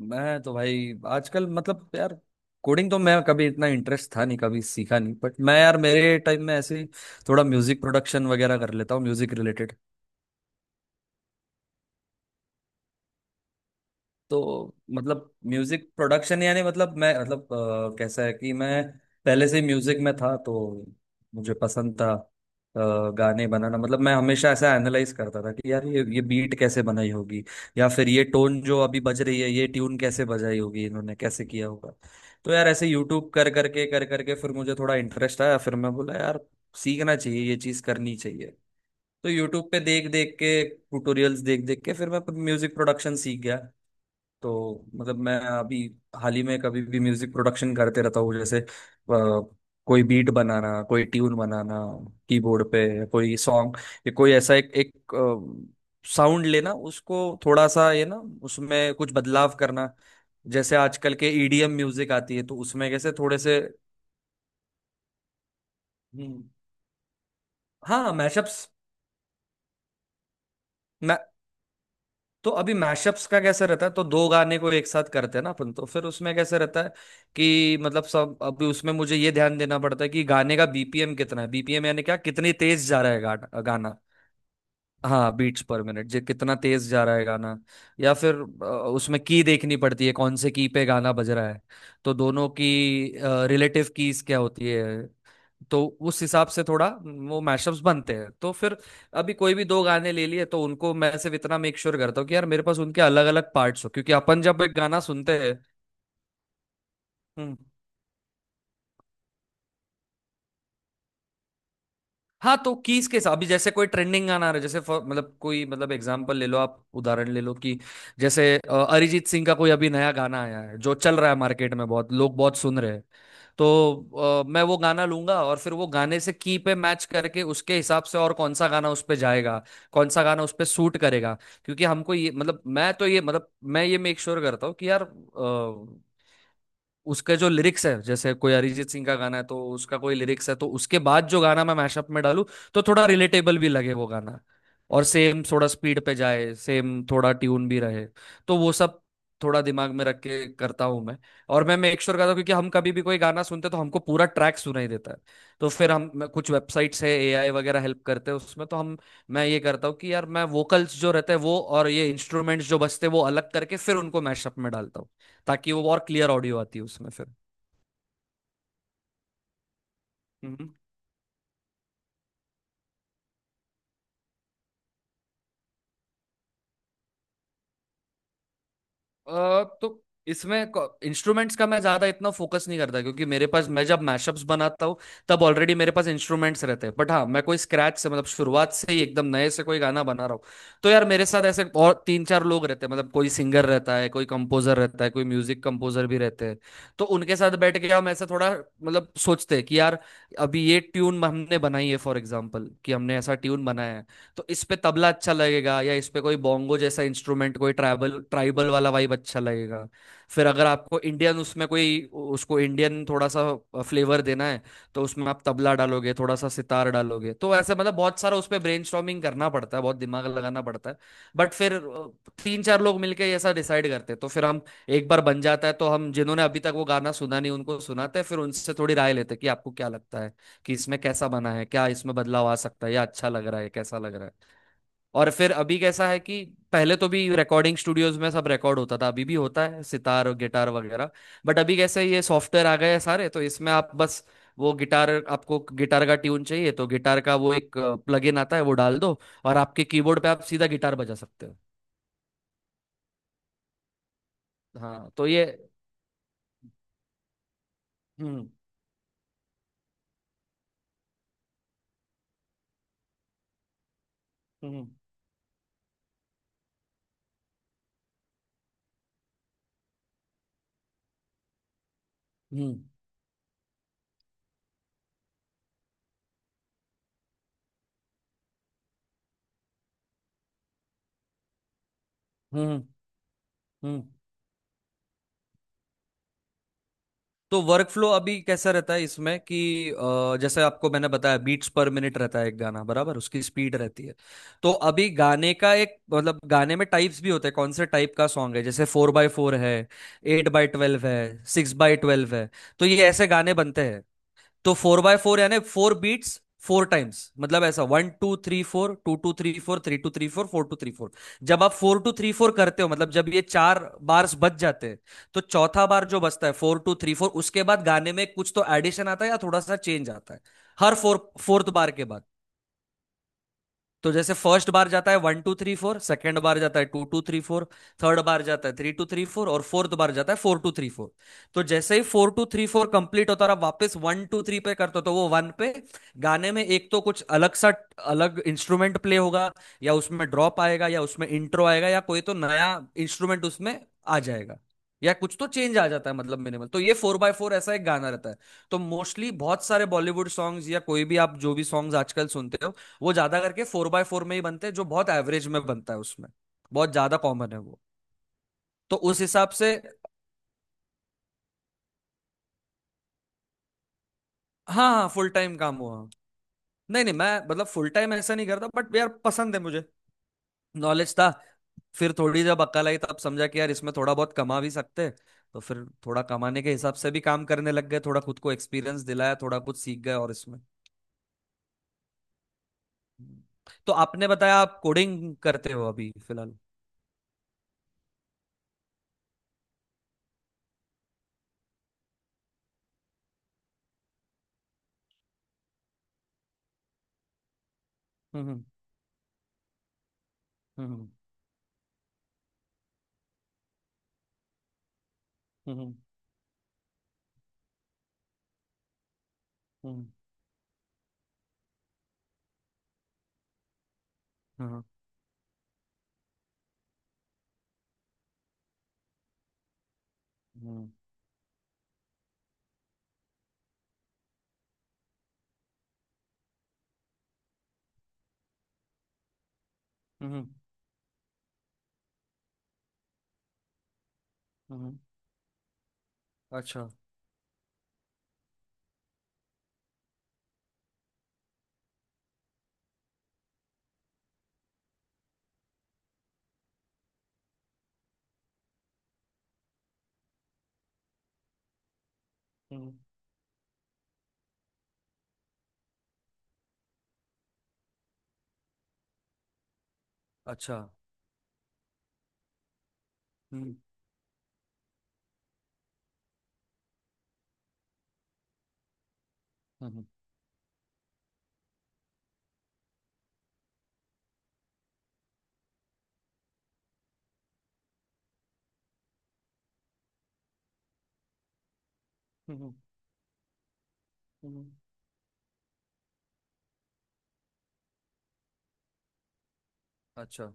मैं तो भाई आजकल मतलब यार कोडिंग तो मैं कभी इतना इंटरेस्ट था नहीं, कभी सीखा नहीं, बट मैं यार मेरे टाइम में ऐसे ही थोड़ा म्यूजिक प्रोडक्शन वगैरह कर लेता हूँ, म्यूजिक रिलेटेड। तो मतलब म्यूजिक प्रोडक्शन यानी मतलब मैं मतलब कैसा है कि मैं पहले से म्यूजिक में था तो मुझे पसंद था गाने बनाना। मतलब मैं हमेशा ऐसा एनालाइज करता था कि यार ये बीट कैसे बनाई होगी, या फिर ये टोन जो अभी बज रही है ये ट्यून कैसे बजाई होगी, इन्होंने कैसे किया होगा। तो यार ऐसे यूट्यूब कर करके फिर मुझे थोड़ा इंटरेस्ट आया, फिर मैं बोला यार सीखना चाहिए, ये चीज़ करनी चाहिए। तो यूट्यूब पे देख देख के, ट्यूटोरियल्स देख देख के फिर मैं म्यूजिक प्रोडक्शन सीख गया। तो मतलब मैं अभी हाल ही में कभी भी म्यूजिक प्रोडक्शन करते रहता हूँ, जैसे कोई बीट बनाना, कोई ट्यून बनाना, कीबोर्ड पे कोई सॉन्ग, या कोई ऐसा एक एक साउंड लेना, उसको थोड़ा सा ये ना, उसमें कुछ बदलाव करना, जैसे आजकल के ईडीएम म्यूजिक आती है तो उसमें कैसे थोड़े से। हम्म, हाँ, मैशअप्स। तो अभी मैशअप्स का कैसे रहता है, तो दो गाने को एक साथ करते हैं ना अपन, तो फिर उसमें कैसे रहता है कि मतलब सब अभी उसमें मुझे ये ध्यान देना पड़ता है कि गाने का बीपीएम कितना है। बीपीएम यानी क्या, कितनी तेज जा रहा है गाना गाना। हाँ, बीट्स पर मिनट जे कितना तेज जा रहा है गाना। या फिर अ, उसमें की देखनी पड़ती है कौन से की पे गाना बज रहा है। तो दोनों की रिलेटिव कीज क्या होती है, तो उस हिसाब से थोड़ा वो मैशअप्स बनते हैं। तो फिर अभी कोई भी दो गाने ले लिए तो उनको मैं सिर्फ इतना मेक श्योर करता हूँ कि यार मेरे पास उनके अलग अलग पार्ट्स हो, क्योंकि अपन जब एक गाना सुनते हैं। हम्म, हाँ, तो कीज के साथ अभी जैसे कोई ट्रेंडिंग गाना आ रहा है, जैसे मतलब कोई मतलब एग्जांपल ले लो, आप उदाहरण ले लो कि जैसे अरिजीत सिंह का कोई अभी नया गाना आया है जो चल रहा है मार्केट में, बहुत लोग बहुत सुन रहे हैं। तो मैं वो गाना लूंगा और फिर वो गाने से की पे मैच करके उसके हिसाब से, और कौन सा गाना उस पे जाएगा, कौन सा गाना उस पे सूट करेगा। क्योंकि हमको ये मतलब मैं तो ये मतलब मैं ये मेक श्योर करता हूँ कि यार उसके जो लिरिक्स है, जैसे कोई अरिजीत सिंह का गाना है तो उसका कोई लिरिक्स है, तो उसके बाद जो गाना मैं मैशअप में डालूं तो थोड़ा रिलेटेबल भी लगे वो गाना, और सेम थोड़ा स्पीड पे जाए, सेम थोड़ा ट्यून भी रहे। तो वो सब थोड़ा दिमाग में रख के करता हूँ मैं। और मैं मेक श्योर करता हूँ क्योंकि हम कभी भी कोई गाना सुनते हैं तो हमको पूरा ट्रैक सुनाई देता है, तो फिर हम कुछ वेबसाइट्स है, एआई वगैरह हेल्प करते हैं उसमें, तो हम मैं ये करता हूँ कि यार मैं वोकल्स जो रहते हैं वो और ये इंस्ट्रूमेंट्स जो बजते हैं वो अलग करके फिर उनको मैशअप में डालता हूँ, ताकि वो और क्लियर ऑडियो आती है उसमें फिर। हम्म तो इसमें इंस्ट्रूमेंट्स का मैं ज्यादा इतना फोकस नहीं करता, क्योंकि मेरे पास मैं जब मैशअप्स बनाता हूँ तब ऑलरेडी मेरे पास इंस्ट्रूमेंट्स रहते हैं। बट हाँ, मैं कोई स्क्रैच से मतलब शुरुआत से ही एकदम नए से कोई गाना बना रहा हूँ तो यार मेरे साथ ऐसे और तीन चार लोग रहते हैं, मतलब कोई सिंगर रहता है, कोई कंपोजर रहता है, कोई म्यूजिक कंपोजर भी रहते हैं। तो उनके साथ बैठ के हम ऐसा थोड़ा मतलब सोचते हैं कि यार अभी ये ट्यून हमने बनाई है, फॉर एग्जाम्पल कि हमने ऐसा ट्यून बनाया है तो इस पे तबला अच्छा लगेगा, या इस पे कोई बोंगो जैसा इंस्ट्रूमेंट, कोई ट्राइबल ट्राइबल वाला वाइब अच्छा लगेगा। फिर अगर आपको इंडियन उसमें कोई उसको इंडियन थोड़ा सा फ्लेवर देना है तो उसमें आप तबला डालोगे, थोड़ा सा सितार डालोगे। तो ऐसे मतलब बहुत सारा उस पे ब्रेनस्टॉर्मिंग करना पड़ता है, बहुत दिमाग लगाना पड़ता है। बट फिर तीन चार लोग मिलके ये ऐसा डिसाइड करते हैं, तो फिर हम, एक बार बन जाता है तो हम जिन्होंने अभी तक वो गाना सुना नहीं उनको सुनाते हैं, फिर उनसे थोड़ी राय लेते हैं कि आपको क्या लगता है कि इसमें कैसा बना है, क्या इसमें बदलाव आ सकता है, या अच्छा लग रहा है, कैसा लग रहा है। और फिर अभी कैसा है कि पहले तो भी रिकॉर्डिंग स्टूडियोज में सब रिकॉर्ड होता था, अभी भी होता है सितार और गिटार वगैरह। बट अभी कैसे ये सॉफ्टवेयर आ गए हैं सारे तो इसमें आप बस वो गिटार, आपको गिटार का ट्यून चाहिए तो गिटार का वो एक प्लगइन आता है, वो डाल दो और आपके कीबोर्ड पे आप सीधा गिटार बजा सकते हो। हाँ, तो ये। हम्म। हम्म। हम्म। हम्म। हम्म। तो वर्क फ्लो अभी कैसा रहता है इसमें कि जैसे आपको मैंने बताया बीट्स पर मिनट रहता है एक गाना, बराबर उसकी स्पीड रहती है। तो अभी गाने का एक मतलब गाने में टाइप्स भी होते हैं, कौन से टाइप का सॉन्ग है, जैसे फोर बाय फोर है, एट बाय ट्वेल्व है, सिक्स बाय ट्वेल्व है। तो ये ऐसे गाने बनते हैं। तो फोर बाय फोर यानी फोर बीट्स, फोर टाइम्स, मतलब ऐसा one two three four, two two three four, three two three four, four two three four. जब आप फोर टू थ्री फोर करते हो, मतलब जब ये चार बार्स बच जाते हैं, तो चौथा बार जो बचता है फोर टू थ्री फोर, उसके बाद गाने में कुछ तो एडिशन आता है या थोड़ा सा चेंज आता है, हर फोर फोर्थ बार के बाद। तो जैसे फर्स्ट बार जाता है one two three four, second bar जाता है two two three four, third bar जाता है थ्री टू थ्री फोर, और फोर्थ बार जाता है फोर टू थ्री फोर। तो जैसे ही four two three four complete होता और आप वापस वन टू थ्री पे करते हो तो वो वन पे गाने में एक तो कुछ अलग सा अलग इंस्ट्रूमेंट प्ले होगा, या उसमें ड्रॉप आएगा, या उसमें इंट्रो आएगा, या कोई तो नया इंस्ट्रूमेंट उसमें आ जाएगा, या कुछ तो चेंज आ जाता है। मतलब मिनिमल तो ये फोर बाय फोर ऐसा एक गाना रहता है। तो मोस्टली बहुत सारे बॉलीवुड सॉन्ग्स, या कोई भी आप जो भी सॉन्ग्स आजकल सुनते हो वो ज्यादा करके फोर बाय फोर में ही बनते हैं, जो बहुत एवरेज में बनता है उसमें बहुत ज्यादा कॉमन है वो। तो उस हिसाब से। हाँ हाँ, फुल टाइम काम हुआ। नहीं नहीं, मैं मतलब फुल टाइम ऐसा नहीं करता, बट यार पसंद है मुझे, नॉलेज था, फिर थोड़ी जब अक्ल आई तब समझा कि यार इसमें थोड़ा बहुत कमा भी सकते हैं। तो फिर थोड़ा कमाने के हिसाब से भी काम करने लग गए, थोड़ा खुद को एक्सपीरियंस दिलाया, थोड़ा कुछ सीख गए और इसमें। तो आपने बताया आप कोडिंग करते हो अभी फिलहाल। हम्म। हम्म। हम्म। हम्म। हम्म। हम्म। हम्म। हम्म, हम्म, हम्म, अच्छा। हम्म, अच्छा। हम्म। हम्म। हम्म। हम्म, अच्छा।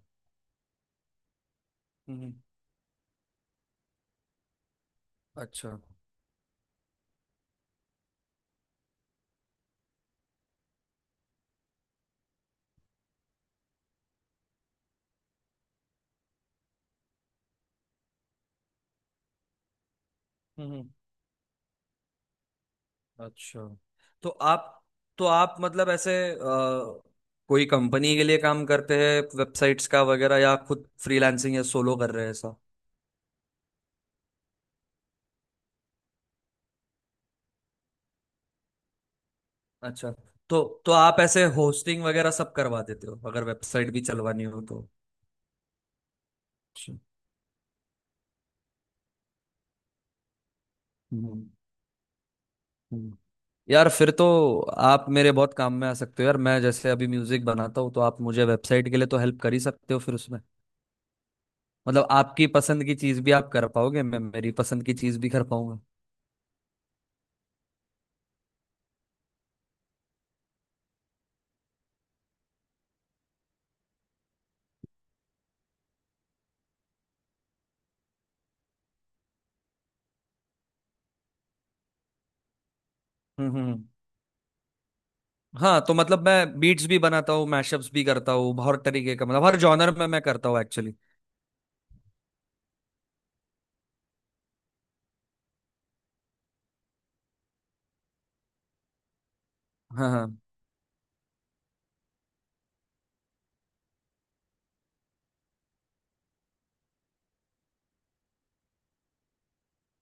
हम्म, अच्छा। हम्म, अच्छा। तो आप तो आप मतलब ऐसे कोई कंपनी के लिए काम करते हैं वेबसाइट्स का वगैरह, या खुद फ्रीलांसिंग या सोलो कर रहे हैं ऐसा। अच्छा। तो आप ऐसे होस्टिंग वगैरह सब करवा देते हो अगर वेबसाइट भी चलवानी हो तो। अच्छा, हम्म, हम्म। यार फिर तो आप मेरे बहुत काम में आ सकते हो यार, मैं जैसे अभी म्यूजिक बनाता हूँ तो आप मुझे वेबसाइट के लिए तो हेल्प कर ही सकते हो, फिर उसमें मतलब आपकी पसंद की चीज भी आप कर पाओगे, मैं मेरी पसंद की चीज भी कर पाऊंगा। हम्म, हाँ तो मतलब मैं बीट्स भी बनाता हूँ, मैशअप्स भी करता हूँ, हर तरीके का मतलब हर जॉनर में मैं करता हूँ एक्चुअली। हाँ हाँ,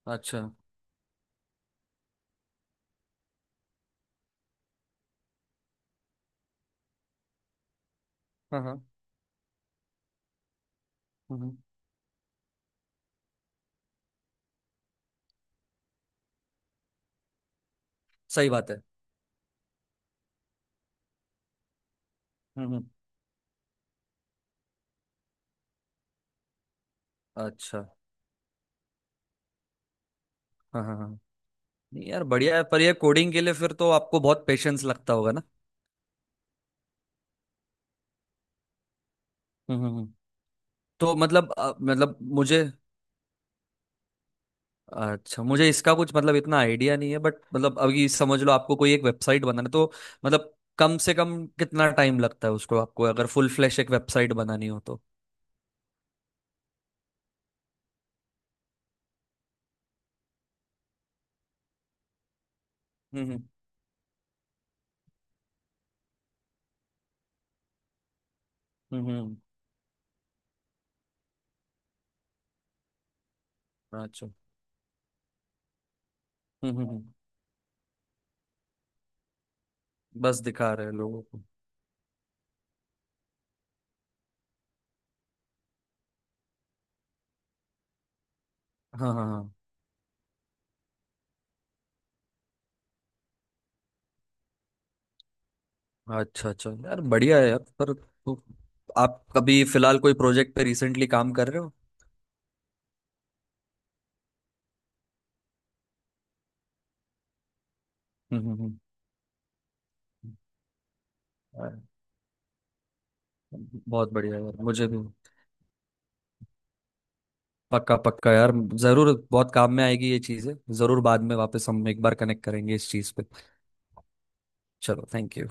अच्छा, हाँ हाँ, हम्म, हम्म। सही बात है। हम्म, अच्छा। हाँ हाँ हाँ। नहीं यार, बढ़िया है, पर ये कोडिंग के लिए फिर तो आपको बहुत पेशेंस लगता होगा ना। हम्म, तो मतलब मतलब मुझे, अच्छा, मुझे इसका कुछ मतलब इतना आइडिया नहीं है, बट मतलब अभी समझ लो आपको कोई एक वेबसाइट बनाना है, तो मतलब कम से कम कितना टाइम लगता है उसको, आपको अगर फुल फ्लैश एक वेबसाइट बनानी हो तो। हम्म, हम्म, अच्छा। हम्म, हम्म, बस दिखा रहे हैं लोगों को। हाँ हाँ हाँ, अच्छा अच्छा यार, बढ़िया है यार, पर तो आप कभी फिलहाल कोई प्रोजेक्ट पे रिसेंटली काम कर रहे हो। हम्म, हम्म, हम्म, बहुत बढ़िया यार। मुझे भी पक्का पक्का यार, जरूर बहुत काम में आएगी ये चीजें, जरूर बाद में वापस हम एक बार कनेक्ट करेंगे इस चीज पे। चलो, थैंक यू।